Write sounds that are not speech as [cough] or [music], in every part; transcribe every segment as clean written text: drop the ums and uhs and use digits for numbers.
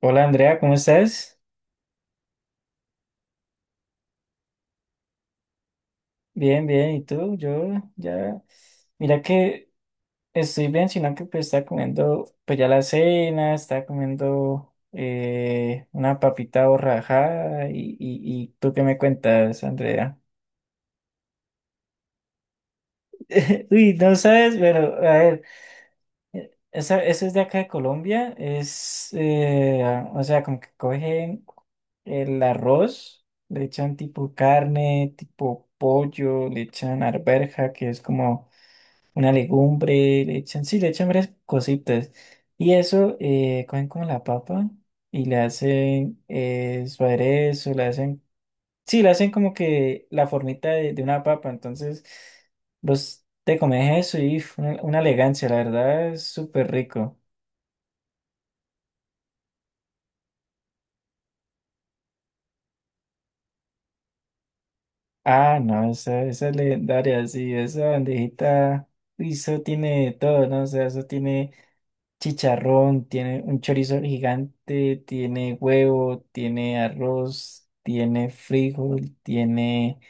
Hola Andrea, ¿cómo estás? Bien, bien, ¿y tú? Yo ya, mira que estoy bien, sino que pues estaba comiendo pues ya la cena, estaba comiendo una papita borrajada y ¿tú qué me cuentas, Andrea? [laughs] Uy, no sabes, pero a ver, esa, eso es de acá de Colombia, es, ah, o sea, como que cogen el arroz, le echan tipo carne, tipo pollo, le echan arveja que es como una legumbre, le echan, sí, le echan varias cositas. Y eso, cogen como la papa y le hacen su aderezo, le hacen, sí, le hacen como que la formita de una papa. Entonces, vos te comes eso y uf, una elegancia, la verdad, es súper rico. Ah, no, esa es legendaria, sí, esa bandejita, uy eso tiene de todo, ¿no? O sea, eso tiene chicharrón, tiene un chorizo gigante, tiene huevo, tiene arroz, tiene frijol, tiene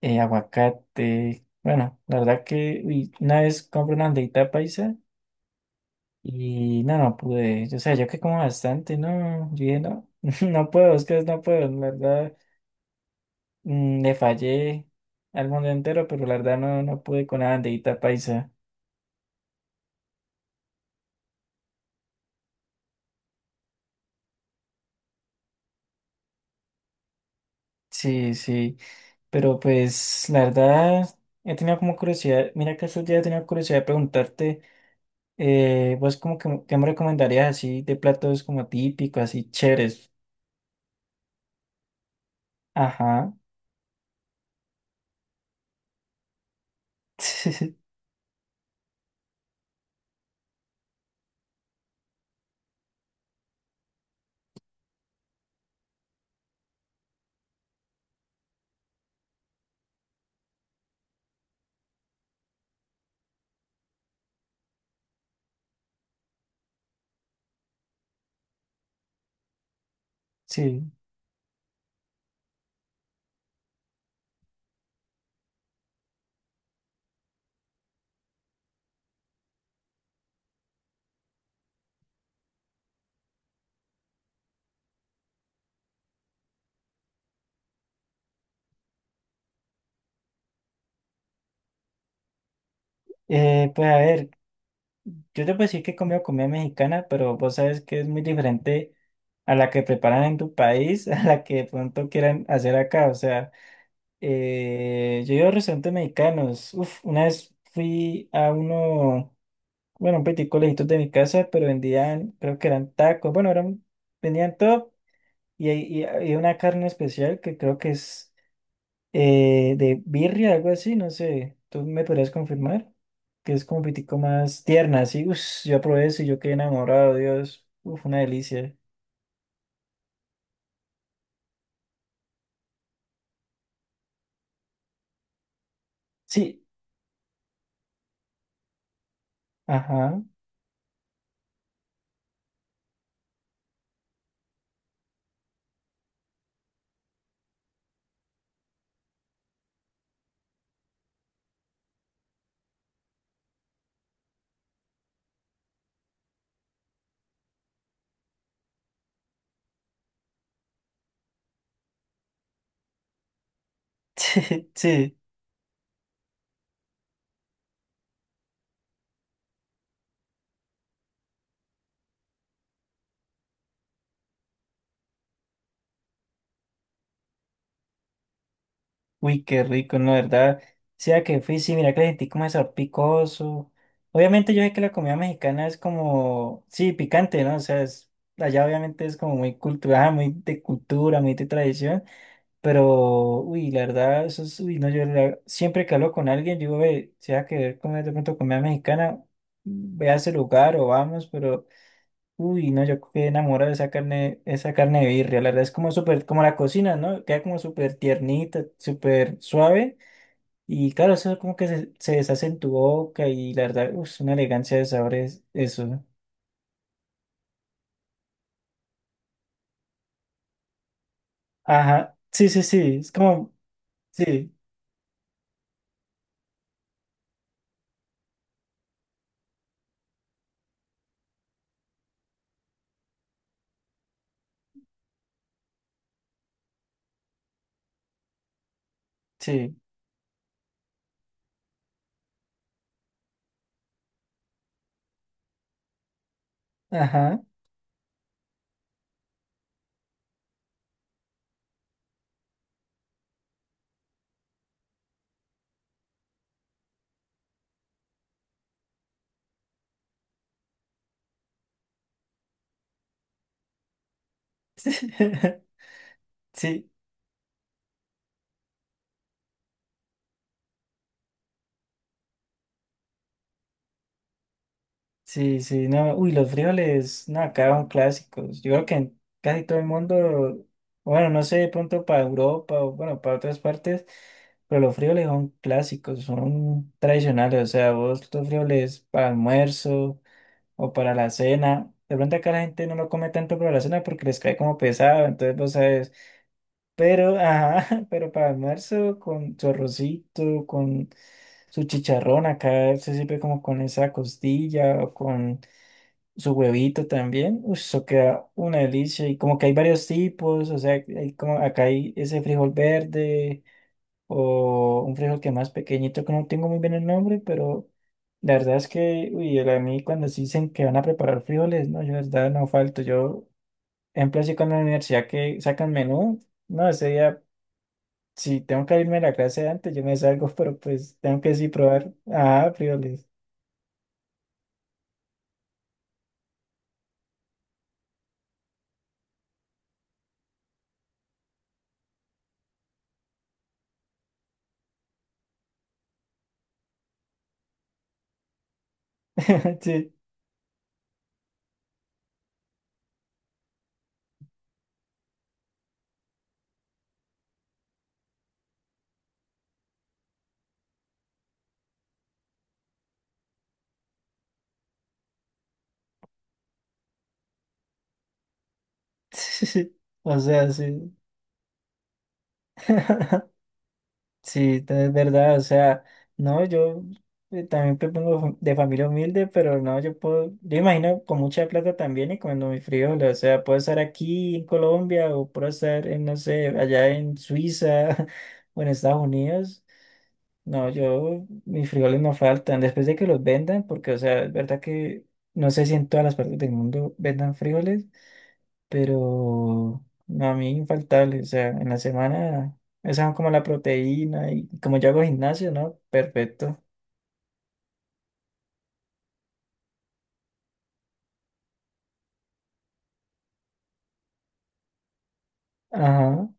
aguacate. Bueno, la verdad que uy, una vez compré una aldeita paisa y no, no pude. O sea, yo que como bastante, no, yo dije, no, [laughs] no puedo, es que no puedo, la verdad, le fallé al mundo entero, pero la verdad no, no pude con la bandeita paisa. Sí, sí. Pero pues la verdad he tenido como curiosidad, mira que estos días he tenido curiosidad de preguntarte, vos como que qué me recomendarías así de platos como típicos, así chéveres. Ajá. [laughs] Sí. Pues a ver, yo te puedo decir que he comido comida mexicana, pero vos sabes que es muy diferente a la que preparan en tu país, [laughs] a la que de pronto quieran hacer acá. O sea, yo he ido a restaurantes mexicanos. Uf, una vez fui a uno. Bueno, un peitico lejitos de mi casa, pero vendían, creo que eran tacos, bueno, eran, vendían todo y hay una carne especial que creo que es de birria, algo así, no sé, tú me podrías confirmar, que es como un peitico más tierna, así, uff, yo probé eso y yo quedé enamorado, Dios, uff, una delicia. Sí, ajá, [laughs] sí, sí. Uy, qué rico, no, la verdad. Sea que fui, sí, mira que le sentí como ese picoso. Obviamente yo sé que la comida mexicana es como, sí, picante, ¿no? O sea, es, allá obviamente es como muy cultural, muy de cultura, muy de tradición, pero, uy, la verdad, eso es, uy, no, yo la- siempre que hablo con alguien, yo ve, sea que comer de pronto comida mexicana, ve a ese lugar o vamos, pero... Uy, no, yo quedé enamorado de esa carne de birria. La verdad es como súper, como la cocina, ¿no? Queda como súper tiernita, súper suave. Y claro, eso como que se deshace en tu boca y la verdad, es una elegancia de sabores, eso. Ajá, sí, sí, sí, es como, sí, sí, ajá. [laughs] Sí, sí, sí, no, uy, los frijoles, no, acá son clásicos. Yo creo que en casi todo el mundo, bueno, no sé, de pronto para Europa o bueno, para otras partes, pero los frijoles son clásicos, son tradicionales. O sea, vos los frijoles para almuerzo o para la cena. De pronto acá la gente no lo come tanto para la cena porque les cae como pesado, entonces vos sabes. Pero, ajá, [laughs] pero para almuerzo con su arrocito, con su chicharrón, acá se sirve como con esa costilla o con su huevito también, uy, eso queda una delicia. Y como que hay varios tipos, o sea, hay como acá hay ese frijol verde o un frijol que es más pequeñito, que no tengo muy bien el nombre, pero la verdad es que, uy, el- a mí cuando se dicen que van a preparar frijoles, no, yo la verdad no falto. Yo, ejemplo, así con la universidad que sacan menú, no, ese día, si tengo que irme a la clase antes, yo me salgo, [laughs] pero pues tengo que sí probar, ah, frijoles. [laughs] Sí, [laughs] sí, o sea, sí. [laughs] Sí, de verdad, o sea, no, yo también propongo de familia humilde, pero no, yo puedo, yo imagino con mucha plata también y comiendo mis frijoles, o sea, puedo estar aquí en Colombia o puedo estar en, no sé, allá en Suiza [laughs] o en Estados Unidos. No, yo, mis frijoles no faltan, después de que los vendan, porque, o sea, es verdad que no sé si en todas las partes del mundo vendan frijoles pero a mí infaltable, o sea, en la semana, esa es como la proteína y como yo hago gimnasio, ¿no? Perfecto. Ajá,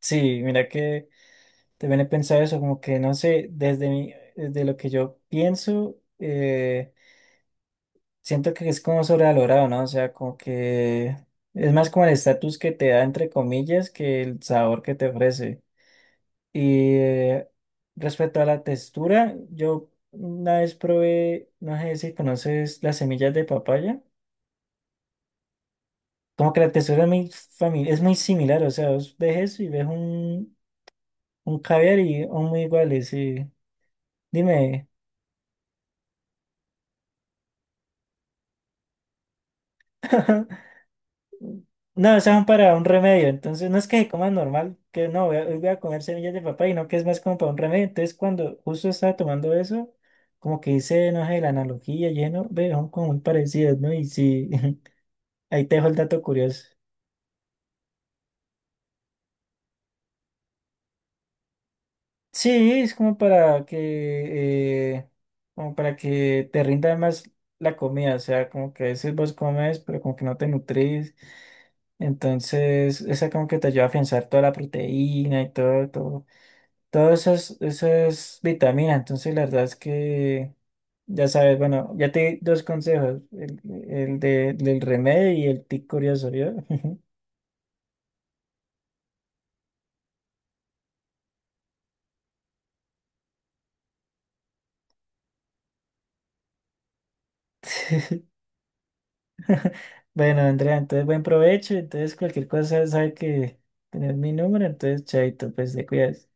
sí, mira que también he pensado eso, como que no sé, desde mi, desde lo que yo pienso, siento que es como sobrevalorado, ¿no? O sea, como que es más como el estatus que te da, entre comillas, que el sabor que te ofrece. Y respecto a la textura, yo una vez probé, no sé si conoces las semillas de papaya, como que la textura es muy, fami- es muy similar, o sea, vos ves eso y ves un caviar y son muy iguales, y dime, [laughs] no, esas son para un remedio, entonces no es que se coman normal, que no, voy a, hoy voy a comer semillas de papaya, no, que es más como para un remedio, entonces cuando justo estaba tomando eso, como que hice, no sé, la analogía, lleno, ve, son como muy parecidas, ¿no? Y sí. [laughs] Ahí te dejo el dato curioso. Sí, es como para que te rinda más la comida, o sea, como que a veces vos comes, pero como que no te nutrís, entonces esa como que te ayuda a afianzar toda la proteína y todo, todo, todas esas, esas vitaminas, entonces la verdad es que, ya sabes, bueno, ya te di dos consejos, el de- del remedio y el tic curioso, ¿vio? [laughs] Bueno, Andrea, entonces buen provecho. Entonces, cualquier cosa sabe que tener mi número, entonces chaito, pues te cuidas.